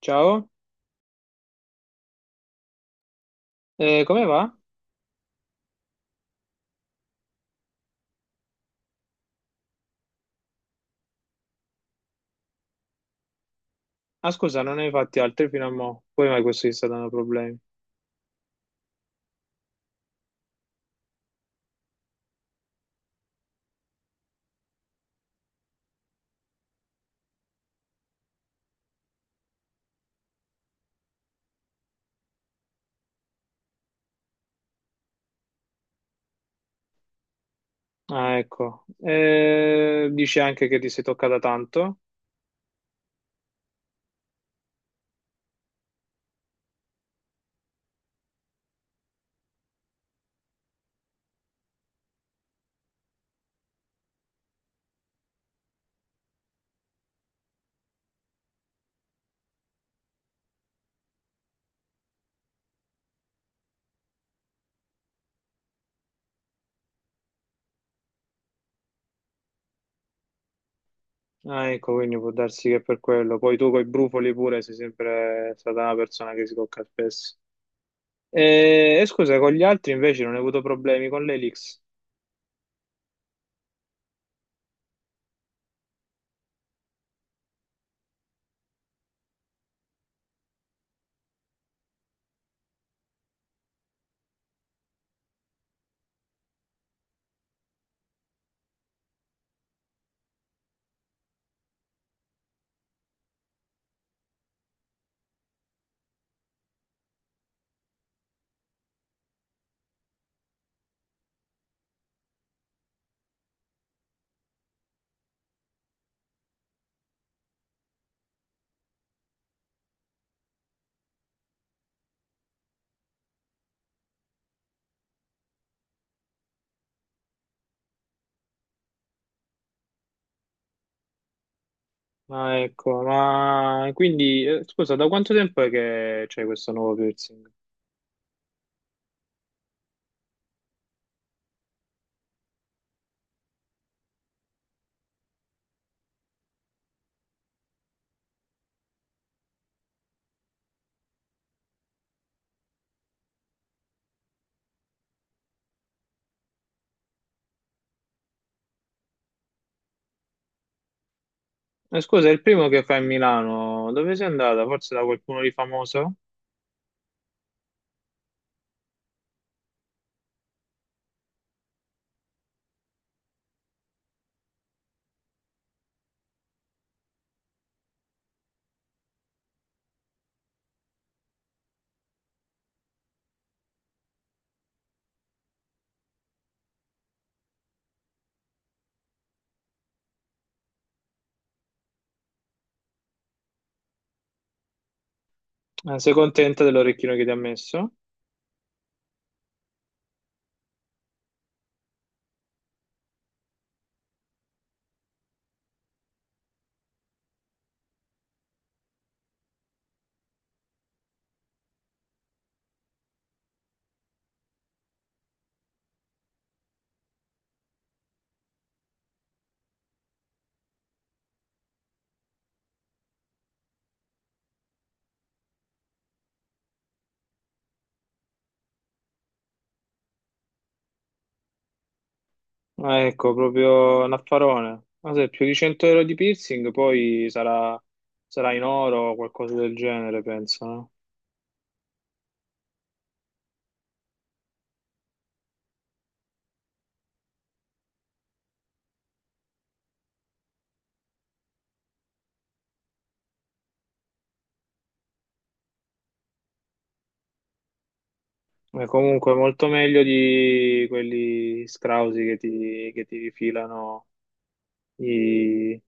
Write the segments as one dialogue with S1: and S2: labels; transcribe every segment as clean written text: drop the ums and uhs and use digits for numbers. S1: Ciao. Come va? Ah, scusa, non ne hai fatti altri fino a mo'. Poi mai questo ti sta dando problemi. Ah, ecco. Dici anche che ti sei toccata tanto. Ah, ecco, quindi può darsi che per quello. Poi tu coi brufoli pure sei sempre stata una persona che si tocca spesso. E scusa, con gli altri invece non hai avuto problemi con l'Elix. Ah, ecco, ma quindi, scusa, da quanto tempo è che c'è questo nuovo piercing? Scusa, è il primo che fa a Milano. Dove sei andata? Forse da qualcuno di famoso? Ma sei contenta dell'orecchino che ti ha messo? Ah, ecco, proprio un affarone. Ma se è più di 100 euro di piercing, poi sarà, sarà in oro o qualcosa del genere, penso, no? Ma comunque molto meglio di quelli scrausi che ti rifilano i-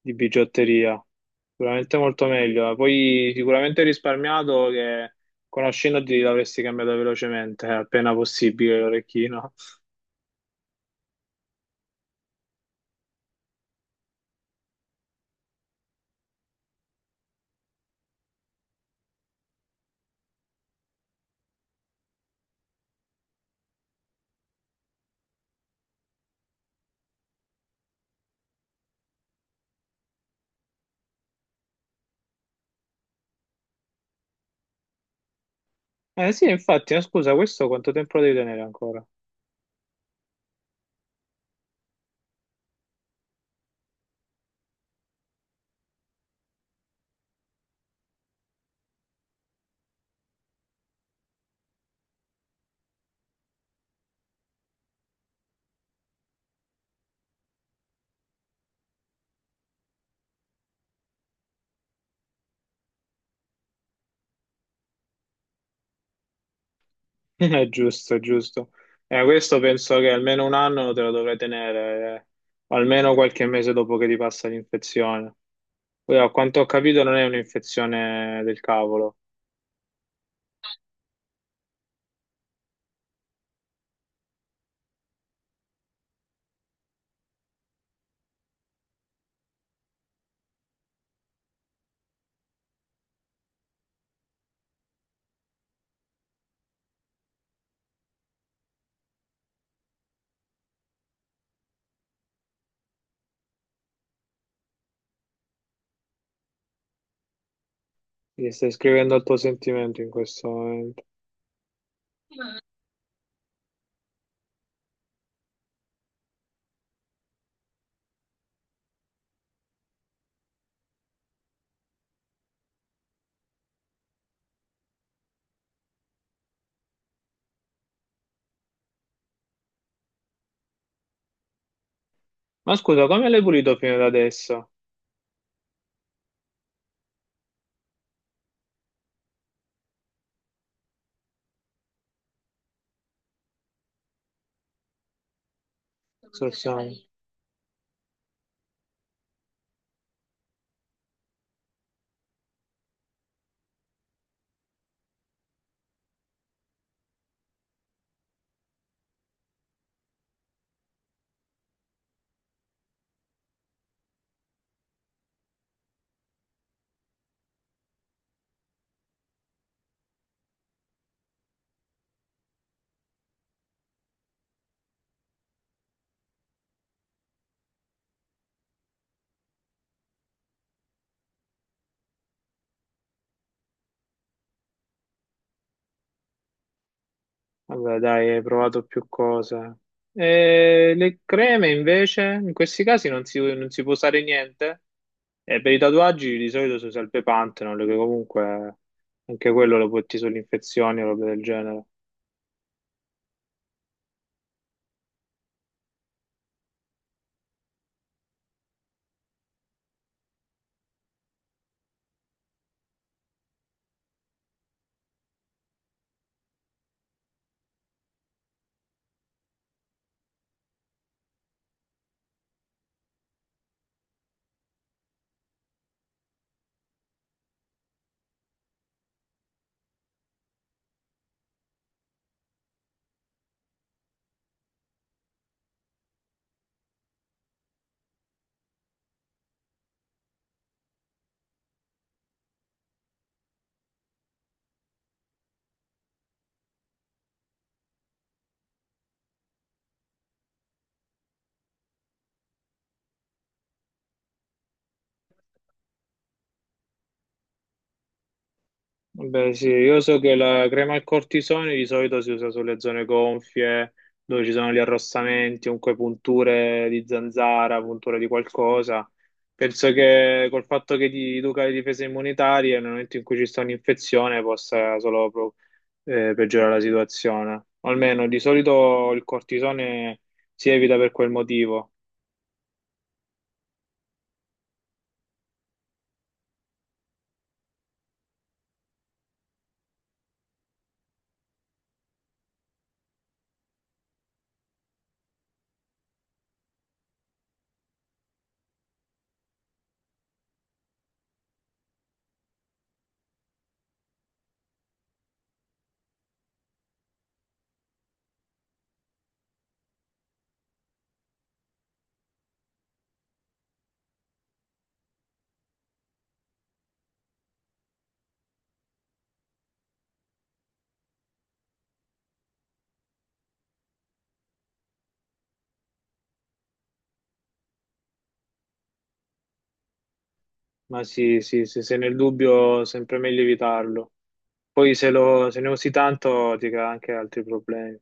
S1: di bigiotteria. Sicuramente molto meglio. Poi sicuramente hai risparmiato che conoscendoti l'avresti cambiato velocemente, appena possibile l'orecchino. Eh sì, infatti, scusa, questo quanto tempo lo devi tenere ancora? È giusto, è giusto. Questo penso che almeno un anno te lo dovrai tenere, o almeno qualche mese dopo che ti passa l'infezione. Poi, a quanto ho capito, non è un'infezione del cavolo. Ti stai scrivendo al tuo sentimento in questo momento. Ma scusa, come l'hai pulito fino ad adesso? Sorsiano. Vabbè, dai, hai provato più cose. E le creme invece, in questi casi non si può usare niente. E per i tatuaggi di solito si usa il Pepanthenol, che comunque anche quello lo può ti sulle infezioni o roba del genere. Beh, sì, io so che la crema al cortisone di solito si usa sulle zone gonfie, dove ci sono gli arrossamenti, comunque punture di zanzara, punture di qualcosa. Penso che col fatto che ti educa le difese immunitarie, nel momento in cui ci sta un'infezione, possa solo peggiorare la situazione. O almeno di solito il cortisone si evita per quel motivo, ma sì, sì, sì, se nel dubbio, sempre meglio evitarlo. Poi se ne usi tanto ti crea anche altri problemi.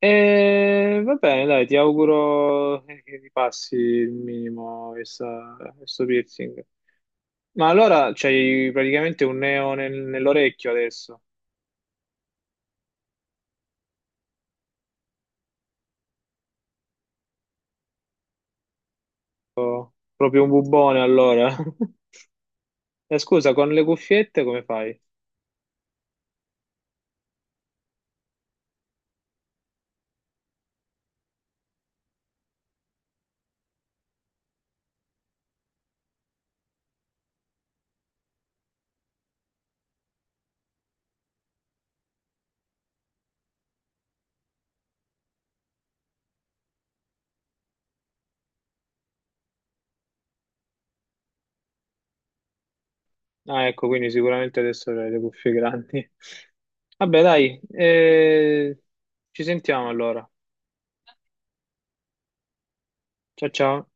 S1: E va bene, dai, ti auguro che ti passi il minimo questo piercing. Ma allora c'hai praticamente un neo nell'orecchio adesso, proprio un bubone allora. Scusa, con le cuffiette come fai? Ah, ecco, quindi sicuramente adesso hai le cuffie grandi. Vabbè, dai, ci sentiamo allora. Ciao, ciao.